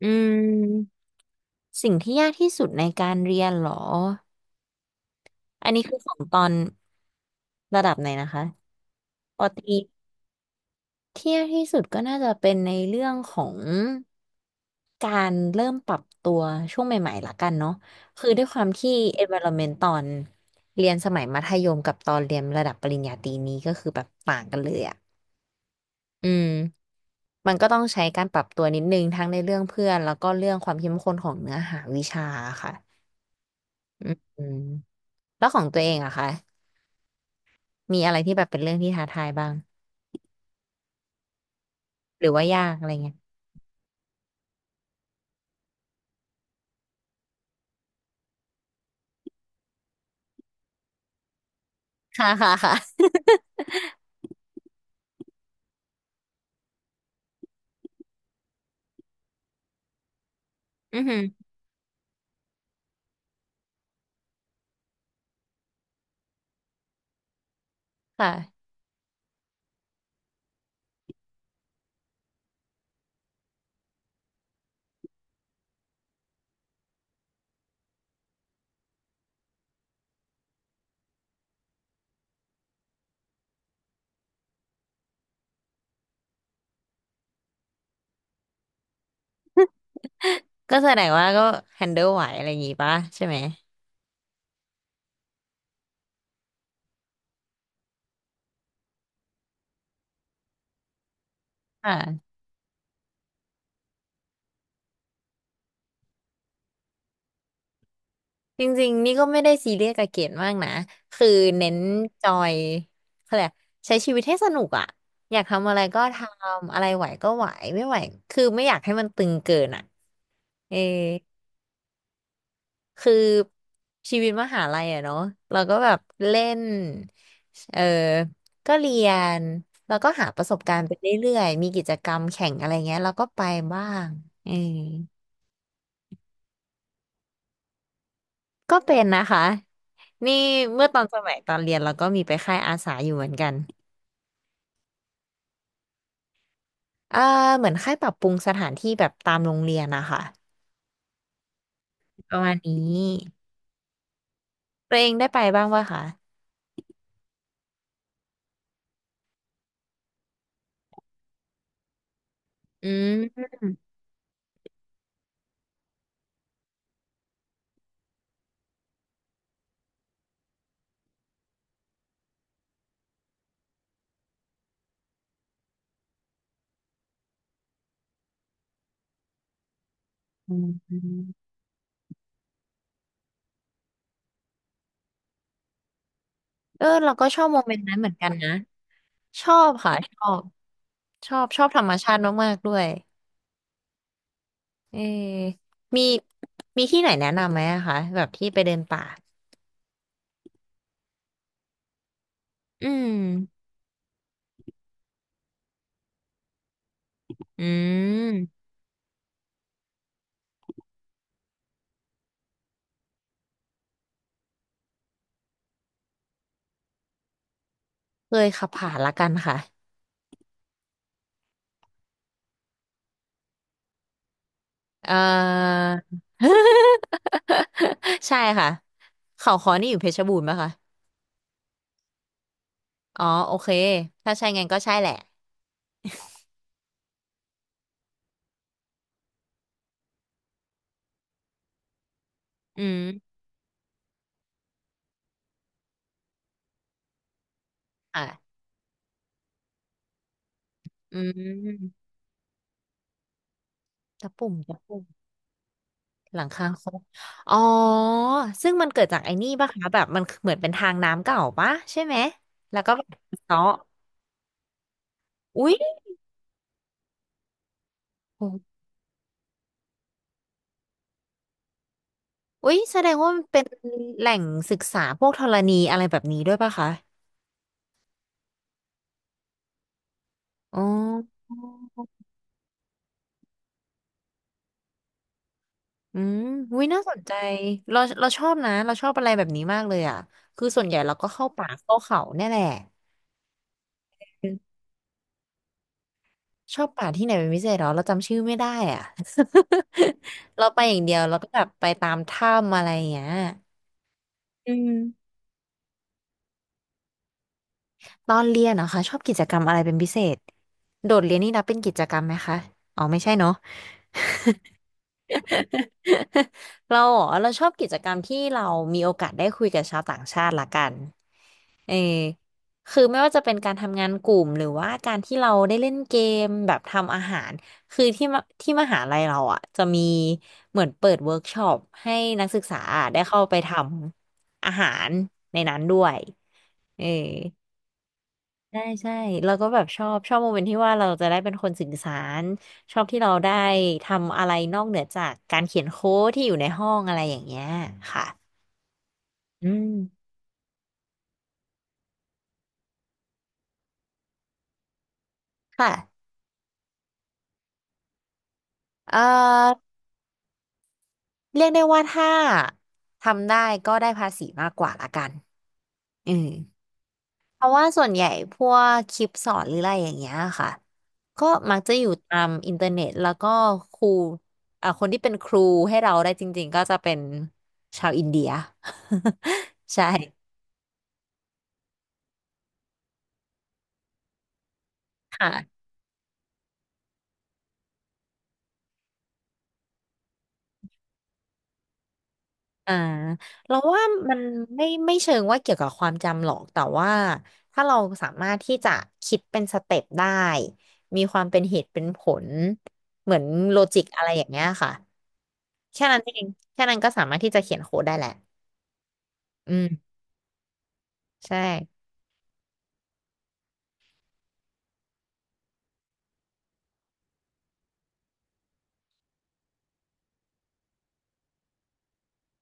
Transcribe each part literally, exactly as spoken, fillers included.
อืมสิ่งที่ยากที่สุดในการเรียนเหรอ อันนี้คือของตอนระดับไหนนะคะปอตรี เที่ยงที่สุดก็น่าจะเป็นในเรื่องของการเริ่มปรับตัวช่วงใหม่ๆละกันเนาะคือด้วยความที่ environment ตอนเรียนสมัยมัธยมกับตอนเรียนระดับปริญญาตรีนี้ก็คือแบบต่างกันเลยอ่ะอืมมันก็ต้องใช้การปรับตัวนิดนึงทั้งในเรื่องเพื่อนแล้วก็เรื่องความเข้มข้นของเนื้อหาวิชาค่ะอืมอืมแล้วของตัวเองอะคะมีอะไรที่แบบเป็นเรื่องที่ท้าทายบ้างหรือว่ายากอะไรเงี้ยค่ะค่ะค่ะอือหือค่ะ ก็แสดงว่าก็ handle ไหวอะไรอย่างงี้ปะใช่ไหมอ่าจริงๆนี่ก็ไม่ได้ซีเรียสกับเกรดมากนะคือเน้นจอยเขาเรียกอะไรใช้ชีวิตให้สนุกอ่ะอยากทำอะไรก็ทำอะไรไหวก็ไหวไม่ไหวคือไม่อยากให้มันตึงเกินอ่ะเออคือชีวิตมหาลัยอะเนาะเราก็แบบเล่นเออก็เรียนแล้วก็หาประสบการณ์ไปเรื่อยๆมีกิจกรรมแข่งอะไรเงี้ยเราก็ไปบ้างเออ ก็เป็นนะคะนี่เมื่อตอนสมัยตอนเรียนเราก็มีไปค่ายอาสาอยู่เหมือนกันเออเหมือนค่ายปรับปรุงสถานที่แบบตามโรงเรียนนะคะประมาณนี้ตัวเองได้ไปบ้างป่ะคะอืมอืมเออเราก็ชอบโมเมนต์นั้นเหมือนกันนะชอบค่ะชอบชอบชอบธรรมชาติมากๆด้วยเออมีมีที่ไหนแนะนำไหมอะคะแบบที่ไปเดินป่าอืมอืมเคยขับผ่านละกันค่ะ เอ่อ ใช่ค่ะเขาค้อนี่อยู่เพชรบูรณ์ปะคะอ๋อโอเคถ้าใช่งั้นก็ใช่แหละอืมค่ะอืมตะปุ่มตะปุ่มหลังคาคกอ๋อซึ่งมันเกิดจากไอ้นี่ปะคะแบบมันเหมือนเป็นทางน้ำเก่าปะใช่ไหมแล้วก็แบบเจาะอุ๊ยอุ๊ยแสดงว่ามันเป็นแหล่งศึกษาพวกธรณีอะไรแบบนี้ด้วยปะคะอ๋อ อืมวิน่าสนใจเราเราชอบนะเราชอบอะไรแบบนี้มากเลยอ่ะคือส่วนใหญ่เราก็เข้าป่าเข้าเขาเนี่ยแหละชอบป่าที่ไหนเป็นพิเศษเหรอเราจำชื่อไม่ได้อ่ะ เราไปอย่างเดียวเราก็แบบไปตามถ้ำอะไรอย่างเงี้ยอืมตอนเรียนเหรอคะชอบกิจกรรมอะไรเป็นพิเศษโดดเรียนนี่นับเป็นกิจกรรมไหมคะอ๋อไม่ใช่เนาะ เราเหรอเราชอบกิจกรรมที่เรามีโอกาสได้คุยกับชาวต่างชาติละกันเออคือไม่ว่าจะเป็นการทำงานกลุ่มหรือว่าการที่เราได้เล่นเกมแบบทำอาหารคือที่มที่มหาลัยเราอ่ะจะมีเหมือนเปิดเวิร์กช็อปให้นักศึกษาได้เข้าไปทำอาหารในนั้นด้วยเออ ใช่ใช่เราก็แบบชอบชอบโมเมนต์ที่ว่าเราจะได้เป็นคนสื่อสารชอบที่เราได้ทำอะไรนอกเหนือจากการเขียนโค้ดที่อยู่ในห้องอะไรอย่างเงี้ยค่ะอืมค่ะเอ่อเรียกได้ว่าถ้าทำได้ก็ได้ภาษีมากกว่าละกันอืมเพราะว่าส่วนใหญ่พวกคลิปสอนหรืออะไรอย่างเงี้ยค่ะก็มักจะอยู่ตามอินเทอร์เน็ตแล้วก็ครูอ่าคนที่เป็นครูให้เราได้จริงๆก็จะเป็นชาวอินเดีย ใช่ ค่ะอ่าเราว่ามันไม่ไม่เชิงว่าเกี่ยวกับความจำหรอก แต่ว่าถ้าเราสามารถที่จะคิดเป็นสเต็ปได้มีความเป็นเหตุเป็นผลเหมือนโลจิกอะไรอย่างเงี้ยค่ะแค่นั้นเองแค่นั้นก็สามารถที่จะเขียนโค้ดได้แหละ อืมใช่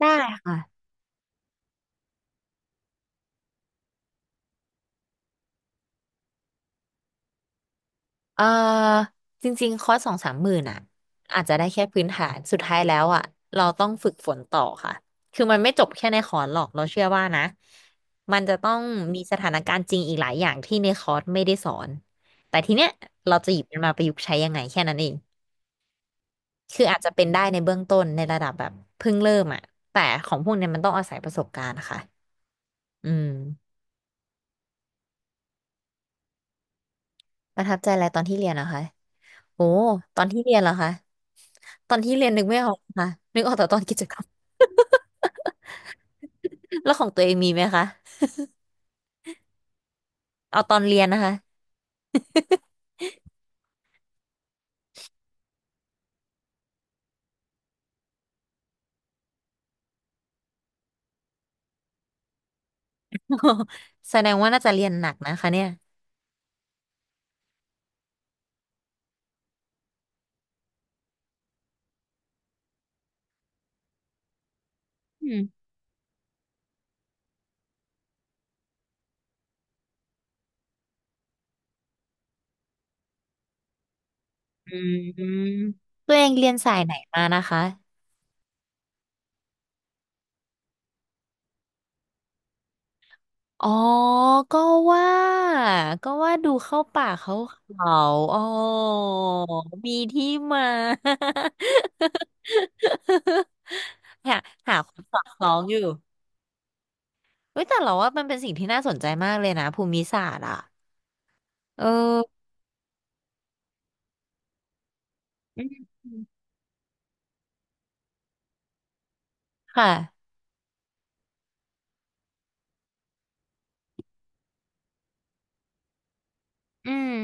ได้ค่ะ เออจริงๆคอร์สสองสามหมื่นอ่ะอาจจะได้แค่พื้นฐานสุดท้ายแล้วอ่ะเราต้องฝึกฝนต่อค่ะคือมันไม่จบแค่ในคอร์สหรอกเราเชื่อว่านะมันจะต้องมีสถานการณ์จริงอีกหลายอย่างที่ในคอร์สไม่ได้สอนแต่ทีเนี้ยเราจะหยิบมันมาประยุกต์ใช้ยังไงแค่นั้นเองคืออาจจะเป็นได้ในเบื้องต้นในระดับแบบเพิ่งเริ่มอ่ะแต่ของพวกเนี้ยมันต้องอาศัยประสบการณ์ค่ะอืมประทับใจอะไรตอนที่เรียนนะคะ โอ้ตอนที่เรียนเหรอคะตอนที่เรียนนึกไม่ออกค่ะนึกออกแต่ตอนกิจกรรม แล้วของตัวเองมีไหมคะเอาตอนเรียนนะคะ แสดงว่าน่าจะเรียนหนักนะคะเนี่ยอืมอืมตัวเองเรียนสายไหนมานะคะอ๋อก็ว่าก็ว่าดูเข้าป่าเขาเขาอ๋อมีที่มา หาหาความสอดคล้องอยู่ เฮ้ยแต่เราว่ามันเป็นสิ่งที่น่าสนใจมากเลยนะภูมิศาสตร์อ่ะเอออืมค่ะอืม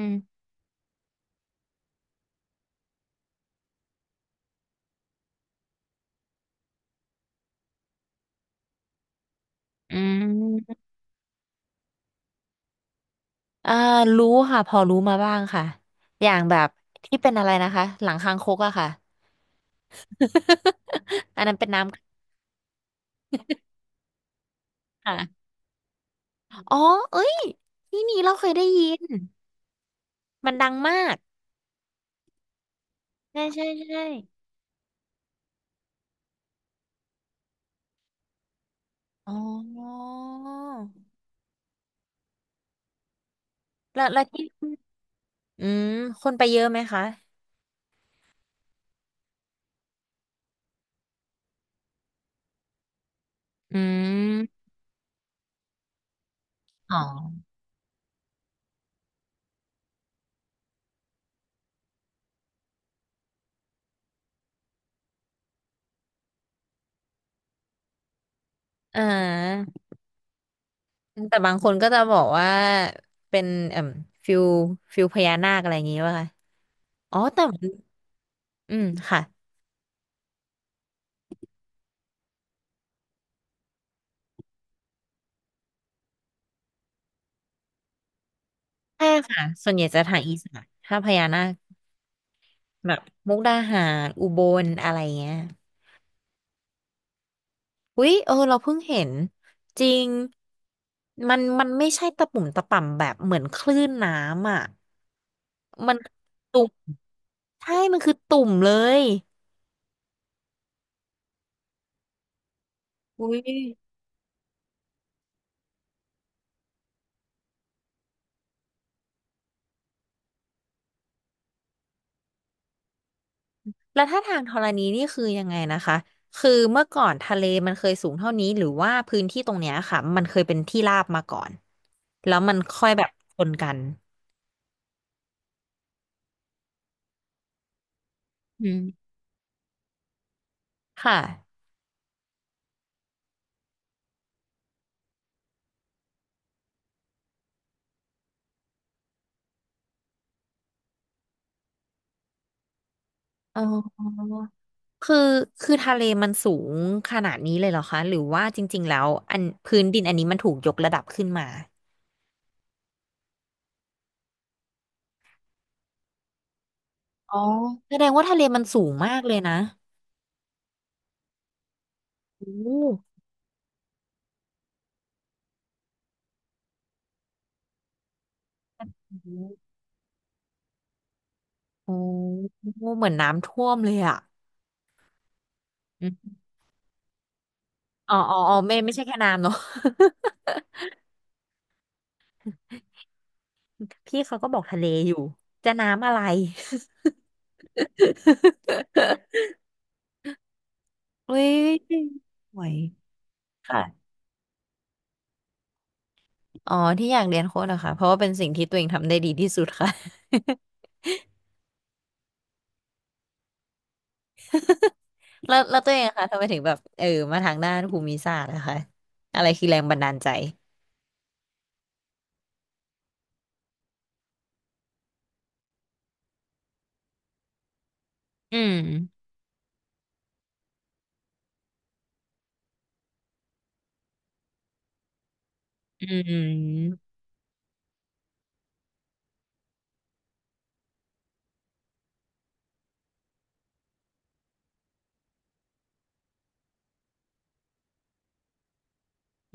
อืมอ่ารู้ค่ะพอรู้มาบ้างค่ะอย่างแบบที่เป็นอะไรนะคะหลังคางคกอะค่ะ อันนั้นเป็นน้ำค่ะอ๋อเอ้ยที่นี่เราเคยได้ยินมันดังมากใช่ใช่ใช่อ๋อแล้วแล้วที่อืมคนไปเยอะไหมคะอืมอ๋ออ่า แต่บางคนก็จะบอกว่าเป็นเอ่มฟิลฟิลพญานาคอะไรอย่างงี้ป่ะคะอ๋อแต่มันอืมค่ะใช่ค่ะส่วนใหญ่จะทางอีสานถ้าพญานาคแบบมุกดาหารอุบลอะไรเงี้ยอุ๊ยเออเราเพิ่งเห็นจริงมันมันไม่ใช่ตะปุ่มตะป่ำแบบเหมือนคลื่นน้ำอ่ะมันตุ่มใช่มันคือตุ่มเลยอุ้ย แล้วถ้าทางธรณีนี่คือยังไงนะคะคือเมื่อก่อนทะเลมันเคยสูงเท่านี้หรือว่าพื้นที่ตรงเนี้ยค่ะมันเคยเป็นที่ราบมาก่อนแล้วมันค่อยแบบชนกันอืมค่ะอ๋อคือคือทะเลมันสูงขนาดนี้เลยเหรอคะหรือว่าจริงๆแล้วอันพื้นดินอันนี้มันถูกยกระดับขึ้นมาอ๋อแสดงว่าทะเลมันสูงมากเลยนะโอ้อืมโอ้โหเหมือนน้ำท่วมเลยอ่ะออ๋ออ๋ออ๋อไม่ไม่ใช่แค่น้ำเนอะ พี่เขาก็บอกทะเลอยู่ จะน้ำอะไรอุ้ยสวยค่ะอ๋อที่อยากเรียนโค้ดเหรอคะเพราะว่าเป็นสิ่งที่ตัวเองทำได้ดีที่สุดค่ะ แล้วแล้วตัวเองอะคะทำไมถึงแบบเออมาทางด้านภูมิศาสตร์นะคะอะไรคือแรงบันดาลใจอืมอืม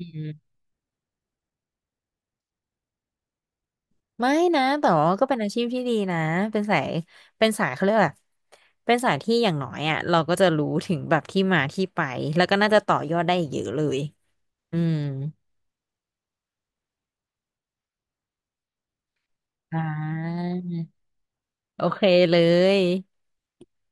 อืมไม่นะ แต่ว่าก็เป็นอาชีพที่ดีนะ เป็นสายเป็นสายเขาเรียกอะเป็นสายที่อย่างน้อยอ่ะเราก็จะรู้ถึงแบบที่มาที่ไป แล้วก็น่าจะต่อยอดได้อีกเยอะเลยอืมอ่า โอเคเลย